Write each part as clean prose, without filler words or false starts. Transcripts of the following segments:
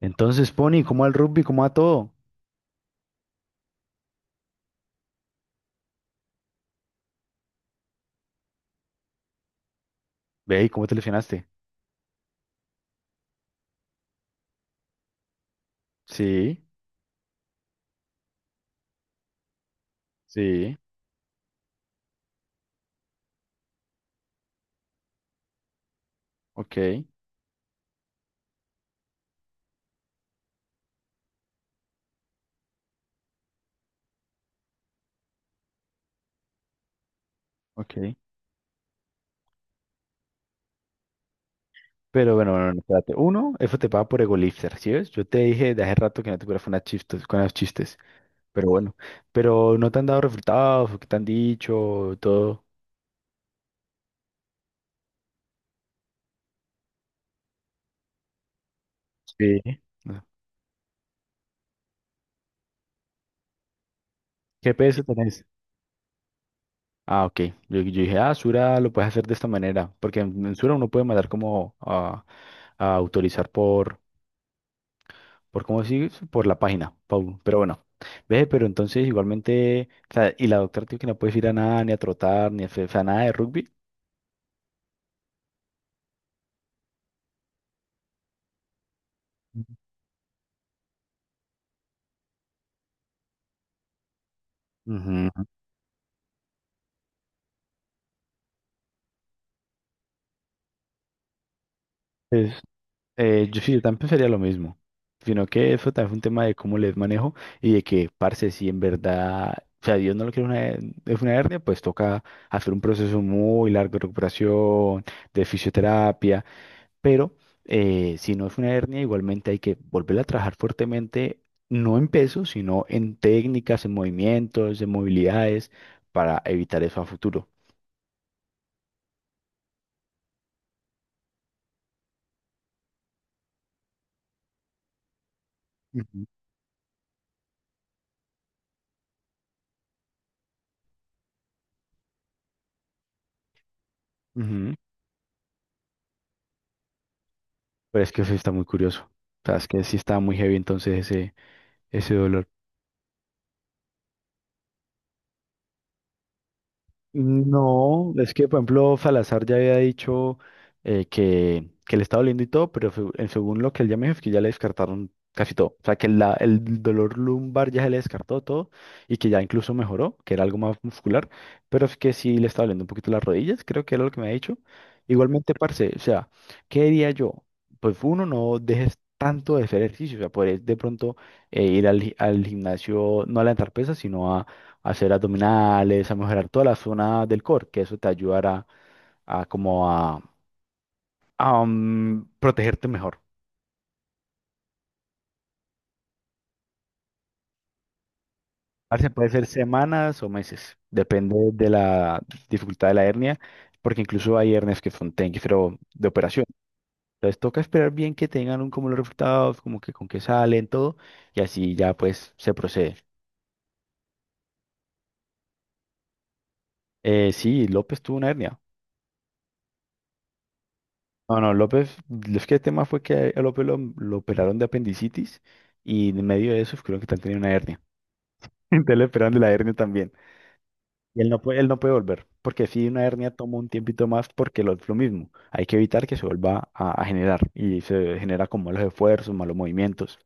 Entonces, Pony, ¿cómo al rugby? ¿Cómo a todo? Ve, ¿y cómo te lesionaste? Sí, sí, ok, ok. Pero bueno, bueno, bueno, espérate. Uno, eso te paga por egolifter, ¿sí ves? Yo te dije de hace rato que no te fueras con las chistes, con los chistes. Pero bueno, pero no te han dado resultados, o qué te han dicho, todo. Sí. Ah, ¿qué peso tenés? Ah, ok. Yo, dije, ah, Sura lo puedes hacer de esta manera, porque en Sura uno puede mandar como a autorizar por, ¿por cómo decir? Por la página, Paul. Pero bueno, ve, pero entonces igualmente, o sea, y la doctora dijo que no puedes ir a nada, ni a trotar, ni a, o sea, nada de rugby. Ujú. Pues, yo sí, yo también pensaría lo mismo, sino que eso también fue un tema de cómo les manejo y de que, parce, si en verdad, o sea, Dios no lo quiere una, es una hernia, pues toca hacer un proceso muy largo de recuperación, de fisioterapia, pero si no es una hernia, igualmente hay que volverla a trabajar fuertemente, no en peso, sino en técnicas, en movimientos, en movilidades, para evitar eso a futuro. Ujú. Ujú. Pero es que eso sí está muy curioso. O sea, es que sí está muy heavy entonces ese dolor. No, es que por ejemplo Salazar ya había dicho que le estaba doliendo y todo, pero según lo que él ya me dijo, es que ya le descartaron casi todo. O sea, que el dolor lumbar ya se le descartó todo y que ya incluso mejoró, que era algo más muscular, pero es que sí le estaba doliendo un poquito las rodillas, creo que era lo que me ha dicho. Igualmente, parce, o sea, ¿qué diría yo? Pues uno, no dejes tanto de hacer ejercicio, o sea, podés de pronto ir al, al gimnasio, no a levantar pesas, sino a hacer abdominales, a mejorar toda la zona del core, que eso te ayudará a, como a, protegerte mejor. Parece, puede ser semanas o meses, depende de la dificultad de la hernia, porque incluso hay hernias que son pero de operación. Entonces toca esperar bien que tengan un, como los resultados, como que con qué salen, todo, y así ya pues se procede. Sí, López tuvo una hernia. No, no, López, es que el tema fue que a López lo operaron de apendicitis y en medio de eso creo que también tenía una hernia. Entonces le operan de la hernia también. Y él no puede volver, porque si una hernia toma un tiempito más, porque lo mismo, hay que evitar que se vuelva a generar y se genera con malos esfuerzos, malos movimientos.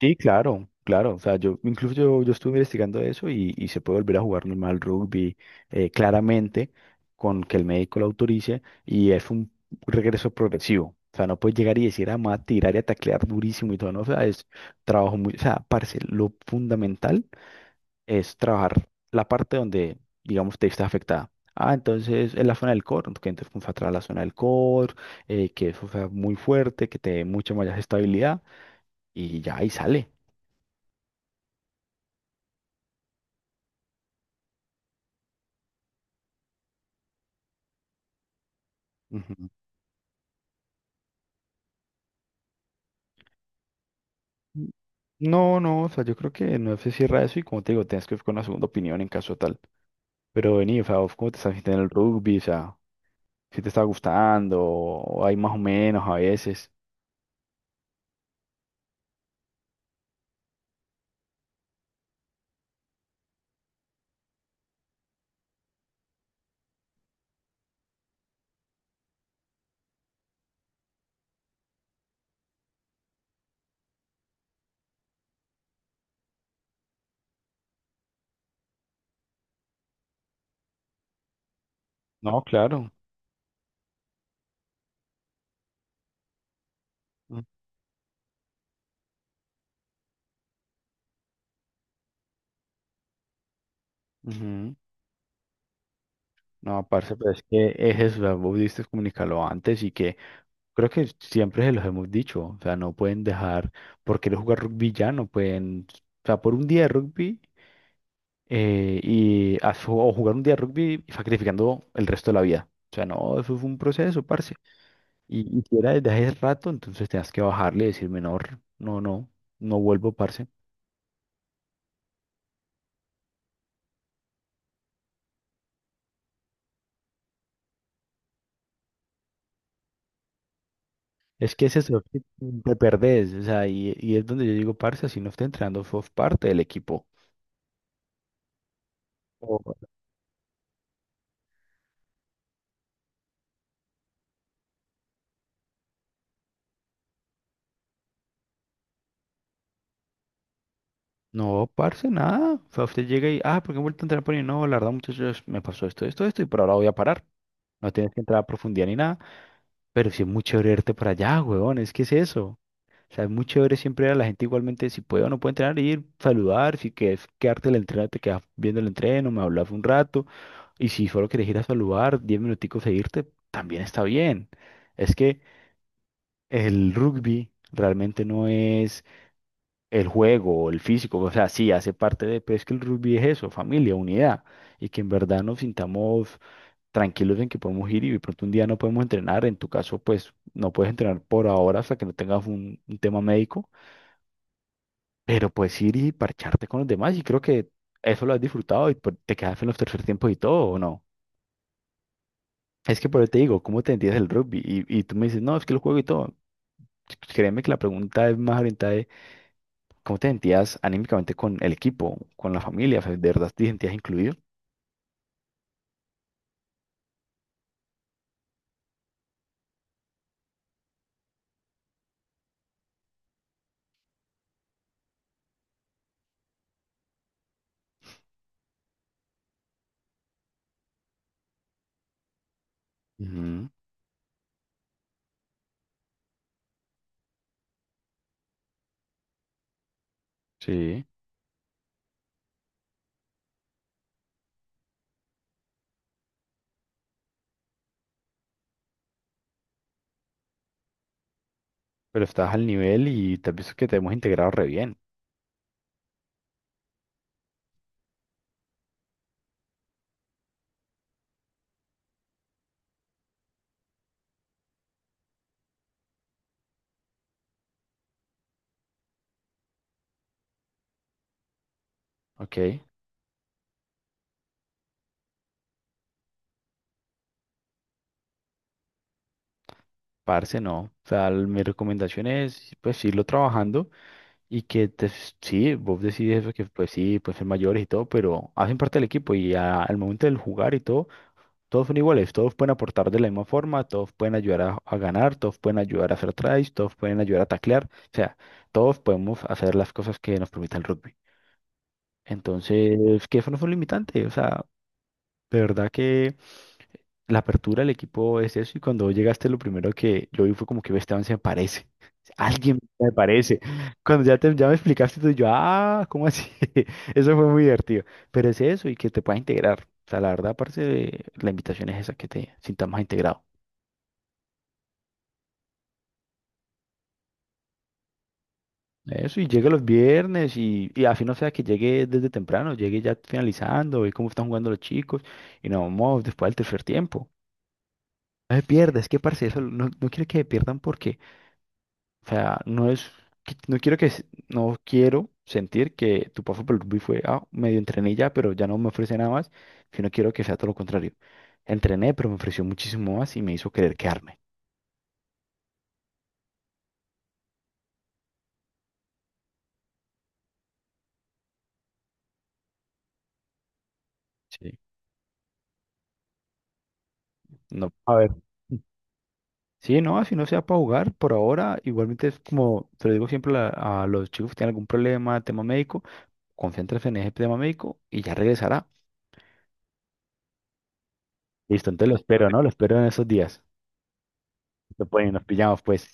Sí, claro, claro. O sea, yo incluso yo, estuve investigando eso y se puede volver a jugar normal rugby claramente con que el médico lo autorice y es un regreso progresivo. O sea, no puedes llegar y decir, ah, me voy a tirar y a taclear durísimo y todo, no, o sea, es trabajo muy, o sea, parce, lo fundamental es trabajar la parte donde, digamos, te viste afectada. Ah, entonces es la zona del core, que entonces fue a trabajar la zona del core, que eso sea muy fuerte, que te dé mucha más estabilidad y ya ahí sale. Ujú. No, no, o sea, yo creo que no se cierra eso y como te digo, tienes que ir con una segunda opinión en caso tal. Pero vení, o sea, ¿vos ¿cómo te estás sintiendo en el rugby? O sea, si te está gustando, o hay más o menos a veces. No, claro. Mm, ujú. No, parce, pero es que es eso, o sea, vos diste comunicarlo antes y que creo que siempre se los hemos dicho, o sea, no pueden dejar, por querer jugar rugby ya, no pueden, o sea, por un día de rugby y a o jugar un día de rugby sacrificando el resto de la vida. O sea, no, eso fue un proceso, parce. Y si era desde hace rato, entonces tenías que bajarle y decirme, no, no, no, no vuelvo, parce. Es que ese es eso, que te perdés, o sea, y es donde yo digo, parce, si no está entrenando, sos parte del equipo. No, parce, nada. O sea, usted llega y, ah, ¿por qué he vuelto a entrar por ahí? No, la verdad, muchachos, me pasó esto, esto, esto, y por ahora voy a parar. No tienes que entrar a profundidad ni nada, pero sí es muy chévere irte para allá, weón, es que es eso. O sea, es muy chévere siempre a la gente igualmente, si puede o no puede entrenar, ir, saludar, si quieres quedarte en el entreno, te quedas viendo el entreno, me hablas un rato, y si solo quieres ir a saludar, 10 minuticos e irte, también está bien. Es que el rugby realmente no es el juego, el físico, o sea, sí, hace parte de, pero es que el rugby es eso, familia, unidad, y que en verdad nos sintamos tranquilos en que podemos ir y de pronto un día no podemos entrenar, en tu caso, pues no puedes entrenar por ahora hasta que no tengas un tema médico, pero puedes ir y parcharte con los demás y creo que eso lo has disfrutado y pues, te quedas en los tercer tiempos y todo, ¿o no? Es que por eso te digo, ¿cómo te entiendes el rugby? Y tú me dices, no, es que lo juego y todo. Créeme que la pregunta es más orientada. ¿Cómo te sentías anímicamente con el equipo, con la familia? O sea, ¿de verdad te sentías incluido? Ujú, sí, pero estás al nivel y te has visto que te hemos integrado re bien. Ok, parce, no. O sea, mi recomendación es, pues, irlo trabajando y que te, sí, vos decides eso, que pues sí, pueden ser mayores y todo, pero hacen parte del equipo y al momento del jugar y todo. Todos son iguales, todos pueden aportar de la misma forma, todos pueden ayudar a ganar, todos pueden ayudar a hacer tries, todos pueden ayudar a taclear, o sea, todos podemos hacer las cosas que nos permita el rugby. Entonces, que eso no es un limitante, o sea, de verdad que la apertura del equipo es eso y cuando vos llegaste lo primero que yo vi fue como que "Ve, Esteban se me parece. Alguien me parece". Cuando ya, te, ya me explicaste tú, yo, ah, ¿cómo así? Eso fue muy divertido. Pero es eso y que te puedas integrar. O sea, la verdad, aparte, de la invitación es esa, que te sientas más integrado. Eso, y llegue los viernes y así no sea que llegue desde temprano, llegue ya finalizando, ve cómo están jugando los chicos y nos vamos después del tercer tiempo. No se pierda, es que parce, eso no, no quiero que se pierdan porque o sea, no es, no quiero que, no quiero sentir que tu paso por el rugby fue, ah, medio entrené ya, pero ya no me ofrece nada más, sino quiero que sea todo lo contrario. Entrené, pero me ofreció muchísimo más y me hizo querer quedarme. Sí. No, a ver. Sí, no, si no sea para jugar, por ahora, igualmente es como, te lo digo siempre a, a los chicos que tienen algún problema, tema médico, concéntrate en ese tema médico y ya regresará. Listo, entonces lo espero, ¿no? Lo espero en esos días. Lo pueden, nos pillamos, pues.